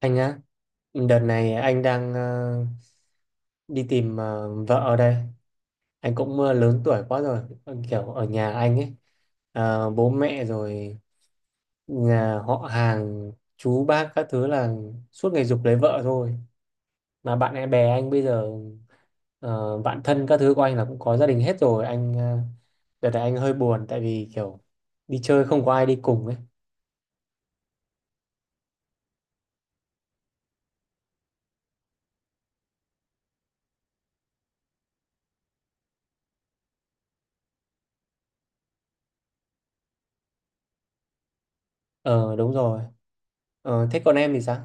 Anh á, đợt này anh đang đi tìm vợ ở đây. Anh cũng lớn tuổi quá rồi. Ờ, Kiểu ở nhà anh ấy, bố mẹ rồi nhà họ hàng, chú bác các thứ là suốt ngày giục lấy vợ thôi. Mà bạn em bè anh bây giờ bạn thân các thứ của anh là cũng có gia đình hết rồi. Anh đợt này anh hơi buồn tại vì kiểu đi chơi không có ai đi cùng ấy. Ờ, đúng rồi. Thế còn em thì sao?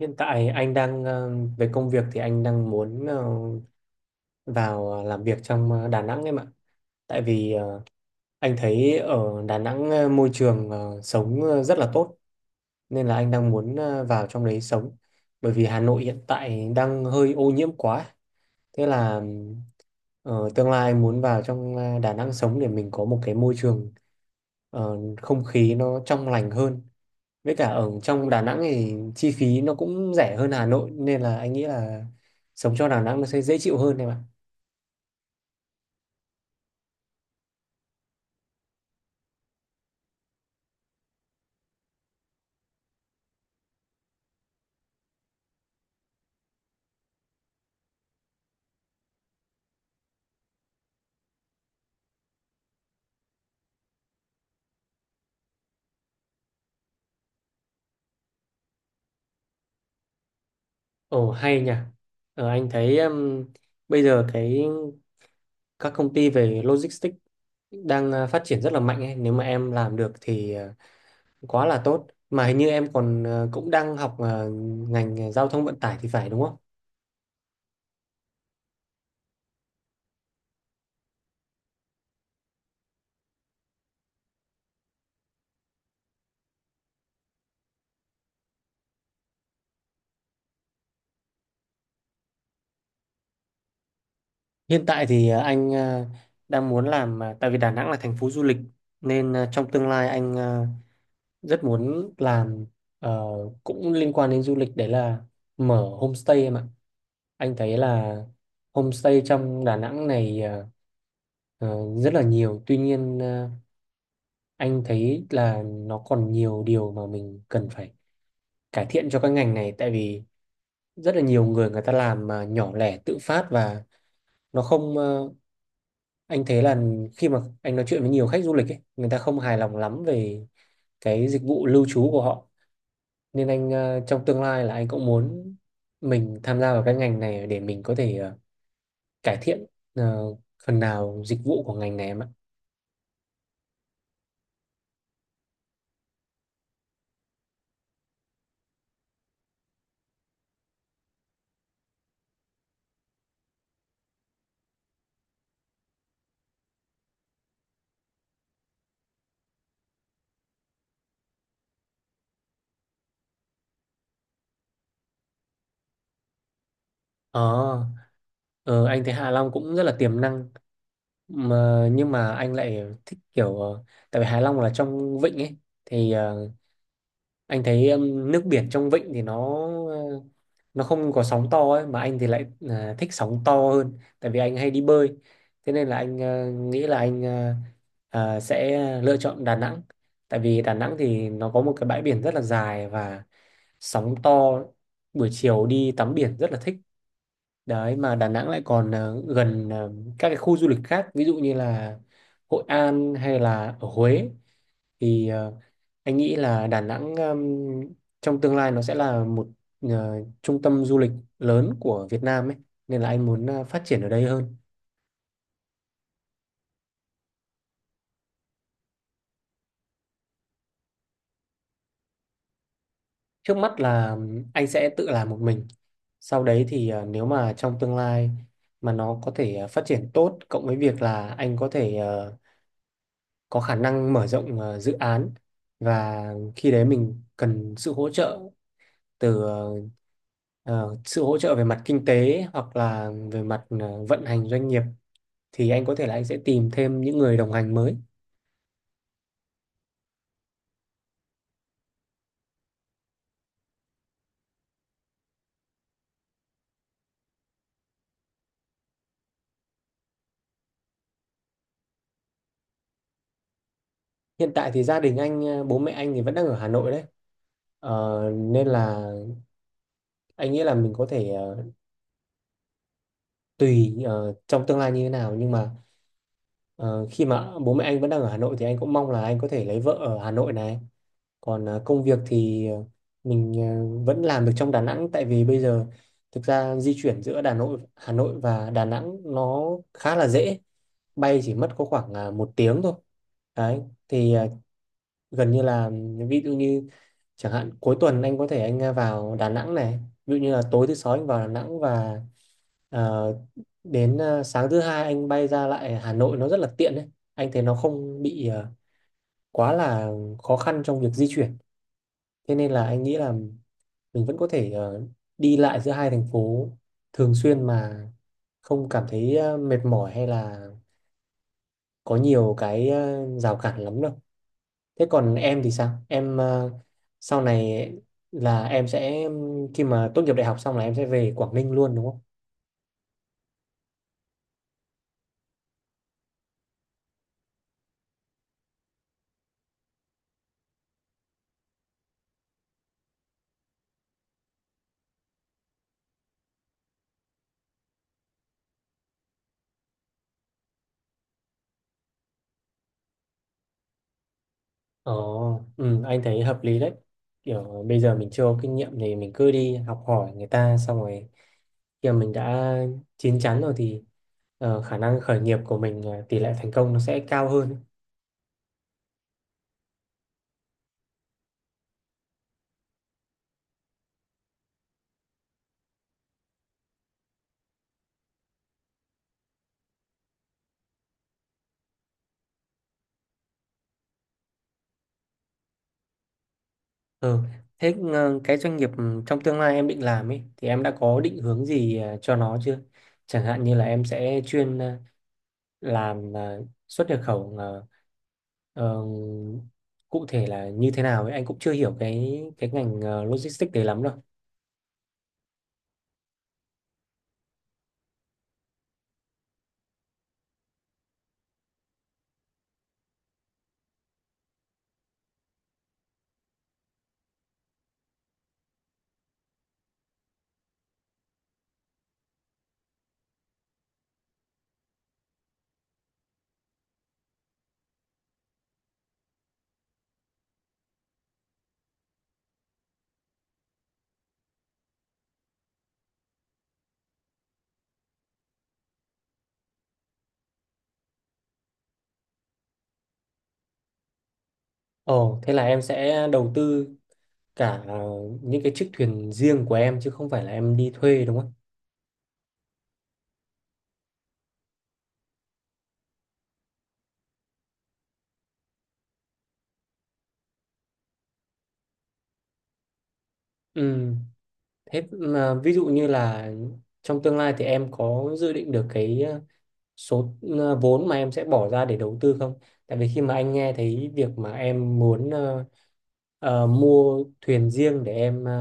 Hiện tại anh đang về công việc thì anh đang muốn vào làm việc trong Đà Nẵng em ạ. Tại vì anh thấy ở Đà Nẵng môi trường sống rất là tốt, nên là anh đang muốn vào trong đấy sống. Bởi vì Hà Nội hiện tại đang hơi ô nhiễm quá. Thế là tương lai muốn vào trong Đà Nẵng sống để mình có một cái môi trường không khí nó trong lành hơn, với cả ở trong Đà Nẵng thì chi phí nó cũng rẻ hơn Hà Nội nên là anh nghĩ là sống cho Đà Nẵng nó sẽ dễ chịu hơn em ạ. Ồ hay nhỉ. Anh thấy bây giờ cái các công ty về logistics đang phát triển rất là mạnh ấy. Nếu mà em làm được thì quá là tốt. Mà hình như em còn cũng đang học ngành giao thông vận tải thì phải đúng không? Hiện tại thì anh đang muốn làm tại vì Đà Nẵng là thành phố du lịch, nên trong tương lai anh rất muốn làm ờ, cũng liên quan đến du lịch, đấy là mở homestay em ạ. Anh thấy là homestay trong Đà Nẵng này ờ, rất là nhiều, tuy nhiên anh thấy là nó còn nhiều điều mà mình cần phải cải thiện cho cái ngành này. Tại vì rất là nhiều người người ta làm mà nhỏ lẻ tự phát, và nó không anh thấy là khi mà anh nói chuyện với nhiều khách du lịch ấy, người ta không hài lòng lắm về cái dịch vụ lưu trú của họ, nên anh trong tương lai là anh cũng muốn mình tham gia vào cái ngành này để mình có thể cải thiện ờ, phần nào dịch vụ của ngành này em ạ. Ờ, ờ, anh thấy Hạ Long cũng rất là tiềm năng, mà nhưng mà anh lại thích kiểu tại vì Hạ Long là trong vịnh ấy thì anh thấy nước biển trong vịnh thì nó không có sóng to ấy, mà anh thì lại thích sóng to hơn tại vì anh hay đi bơi. Thế nên là anh nghĩ là anh sẽ lựa chọn Đà Nẵng, tại vì Đà Nẵng thì nó có một cái bãi biển rất là dài và sóng to, buổi chiều đi tắm biển rất là thích đấy. Mà Đà Nẵng lại còn gần các cái khu du lịch khác, ví dụ như là Hội An hay là ở Huế thì anh nghĩ là Đà Nẵng trong tương lai nó sẽ là một ờ, trung tâm du lịch lớn của Việt Nam ấy, nên là anh muốn phát triển ở đây hơn. Trước mắt là anh sẽ tự làm một mình. Sau đấy thì nếu mà trong tương lai mà nó có thể phát triển tốt, cộng với việc là anh có thể có khả năng mở rộng dự án, và khi đấy mình cần sự hỗ trợ từ sự hỗ trợ về mặt kinh tế hoặc là về mặt vận hành doanh nghiệp, thì anh có thể là anh sẽ tìm thêm những người đồng hành mới. Hiện tại thì gia đình anh, bố mẹ anh thì vẫn đang ở Hà Nội đấy. Nên là anh nghĩ là mình có thể tùy trong tương lai như thế nào, nhưng mà ờ, khi mà bố mẹ anh vẫn đang ở Hà Nội thì anh cũng mong là anh có thể lấy vợ ở Hà Nội này. Còn công việc thì mình vẫn làm được trong Đà Nẵng. Tại vì bây giờ thực ra di chuyển giữa Đà Nội, Hà Nội và Đà Nẵng nó khá là dễ, bay chỉ mất có khoảng 1 tiếng thôi đấy. Thì gần như là, ví dụ như chẳng hạn cuối tuần anh có thể anh vào Đà Nẵng này, ví dụ như là tối thứ sáu anh vào Đà Nẵng và ờ, đến sáng thứ hai anh bay ra lại Hà Nội, nó rất là tiện đấy. Anh thấy nó không bị quá là khó khăn trong việc di chuyển, thế nên là anh nghĩ là mình vẫn có thể đi lại giữa hai thành phố thường xuyên mà không cảm thấy mệt mỏi hay là có nhiều cái rào cản lắm đâu. Thế còn em thì sao? Em sau này là em sẽ khi mà tốt nghiệp đại học xong là em sẽ về Quảng Ninh luôn đúng không? Ồ, ừ, anh thấy hợp lý đấy. Kiểu bây giờ mình chưa có kinh nghiệm thì mình cứ đi học hỏi người ta, xong rồi khi mà mình đã chín chắn rồi thì khả năng khởi nghiệp của mình tỷ lệ thành công nó sẽ cao hơn. Ừ. Thế cái doanh nghiệp trong tương lai em định làm ấy thì em đã có định hướng gì cho nó chưa? Chẳng hạn như là em sẽ chuyên làm xuất nhập khẩu ờ, cụ thể là như thế nào ấy, anh cũng chưa hiểu cái ngành logistics đấy lắm đâu. Ồ, thế là em sẽ đầu tư cả những cái chiếc thuyền riêng của em chứ không phải là em đi thuê đúng không? Ừ, thế mà ví dụ như là trong tương lai thì em có dự định được cái số vốn mà em sẽ bỏ ra để đầu tư không? Tại vì khi mà anh nghe thấy việc mà em muốn mua thuyền riêng để em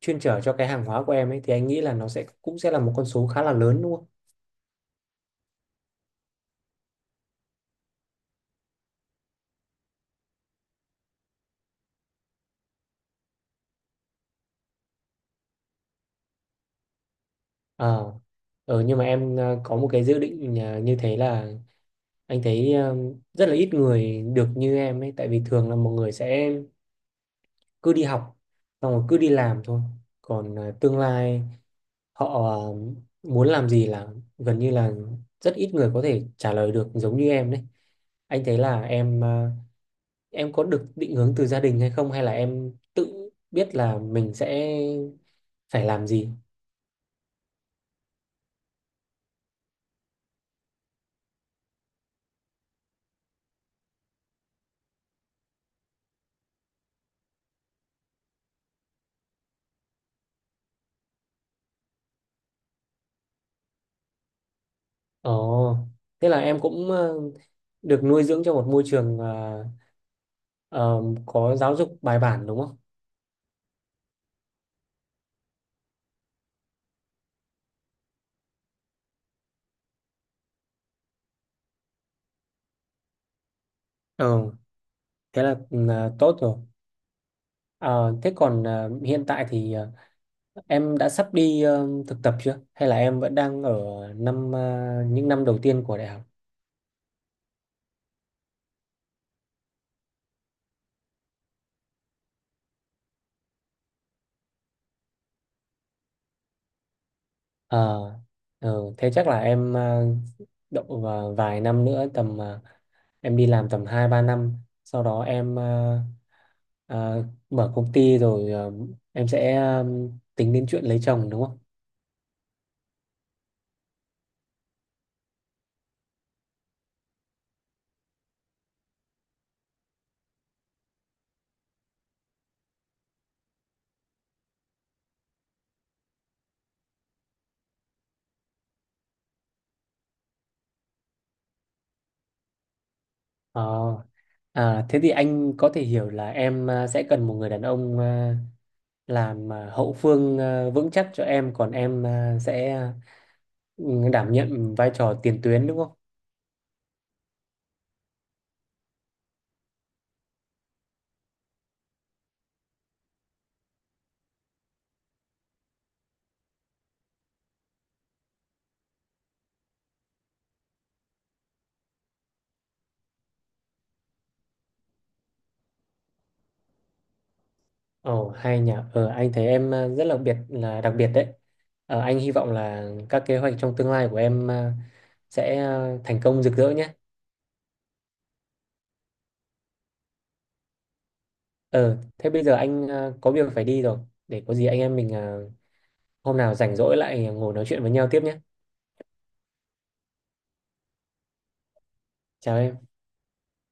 chuyên chở cho cái hàng hóa của em ấy, thì anh nghĩ là nó cũng sẽ là một con số khá là lớn đúng không? Ờ, nhưng mà em có một cái dự định như thế là anh thấy rất là ít người được như em ấy, tại vì thường là mọi người sẽ cứ đi học xong rồi cứ đi làm thôi. Còn tương lai họ muốn làm gì là gần như là rất ít người có thể trả lời được giống như em đấy. Anh thấy là em có được định hướng từ gia đình hay không, hay là em tự biết là mình sẽ phải làm gì? Ồ, thế là em cũng được nuôi dưỡng trong một môi trường ờ, có giáo dục bài bản đúng không? Ừ, thế là tốt rồi. Ờ, Thế còn hiện tại thì em đã sắp đi thực tập chưa? Hay là em vẫn đang ở những năm đầu tiên của đại học? Ờ, Thế chắc là em độ vào vài năm nữa, tầm em đi làm tầm 2-3 năm, sau đó em ờ, mở công ty rồi em sẽ tính đến chuyện lấy chồng đúng không? Ờ, Thế thì anh có thể hiểu là em sẽ cần một người đàn ông làm hậu phương vững chắc cho em, còn em sẽ đảm nhận vai trò tiền tuyến đúng không? Ồ hay nhỉ. Ờ anh thấy em rất là biệt là đặc biệt đấy. Anh hy vọng là các kế hoạch trong tương lai của em sẽ thành công rực rỡ nhé. Ờ, Thế bây giờ anh có việc phải đi rồi. Để có gì anh em mình hôm nào rảnh rỗi lại ngồi nói chuyện với nhau tiếp nhé. Chào em.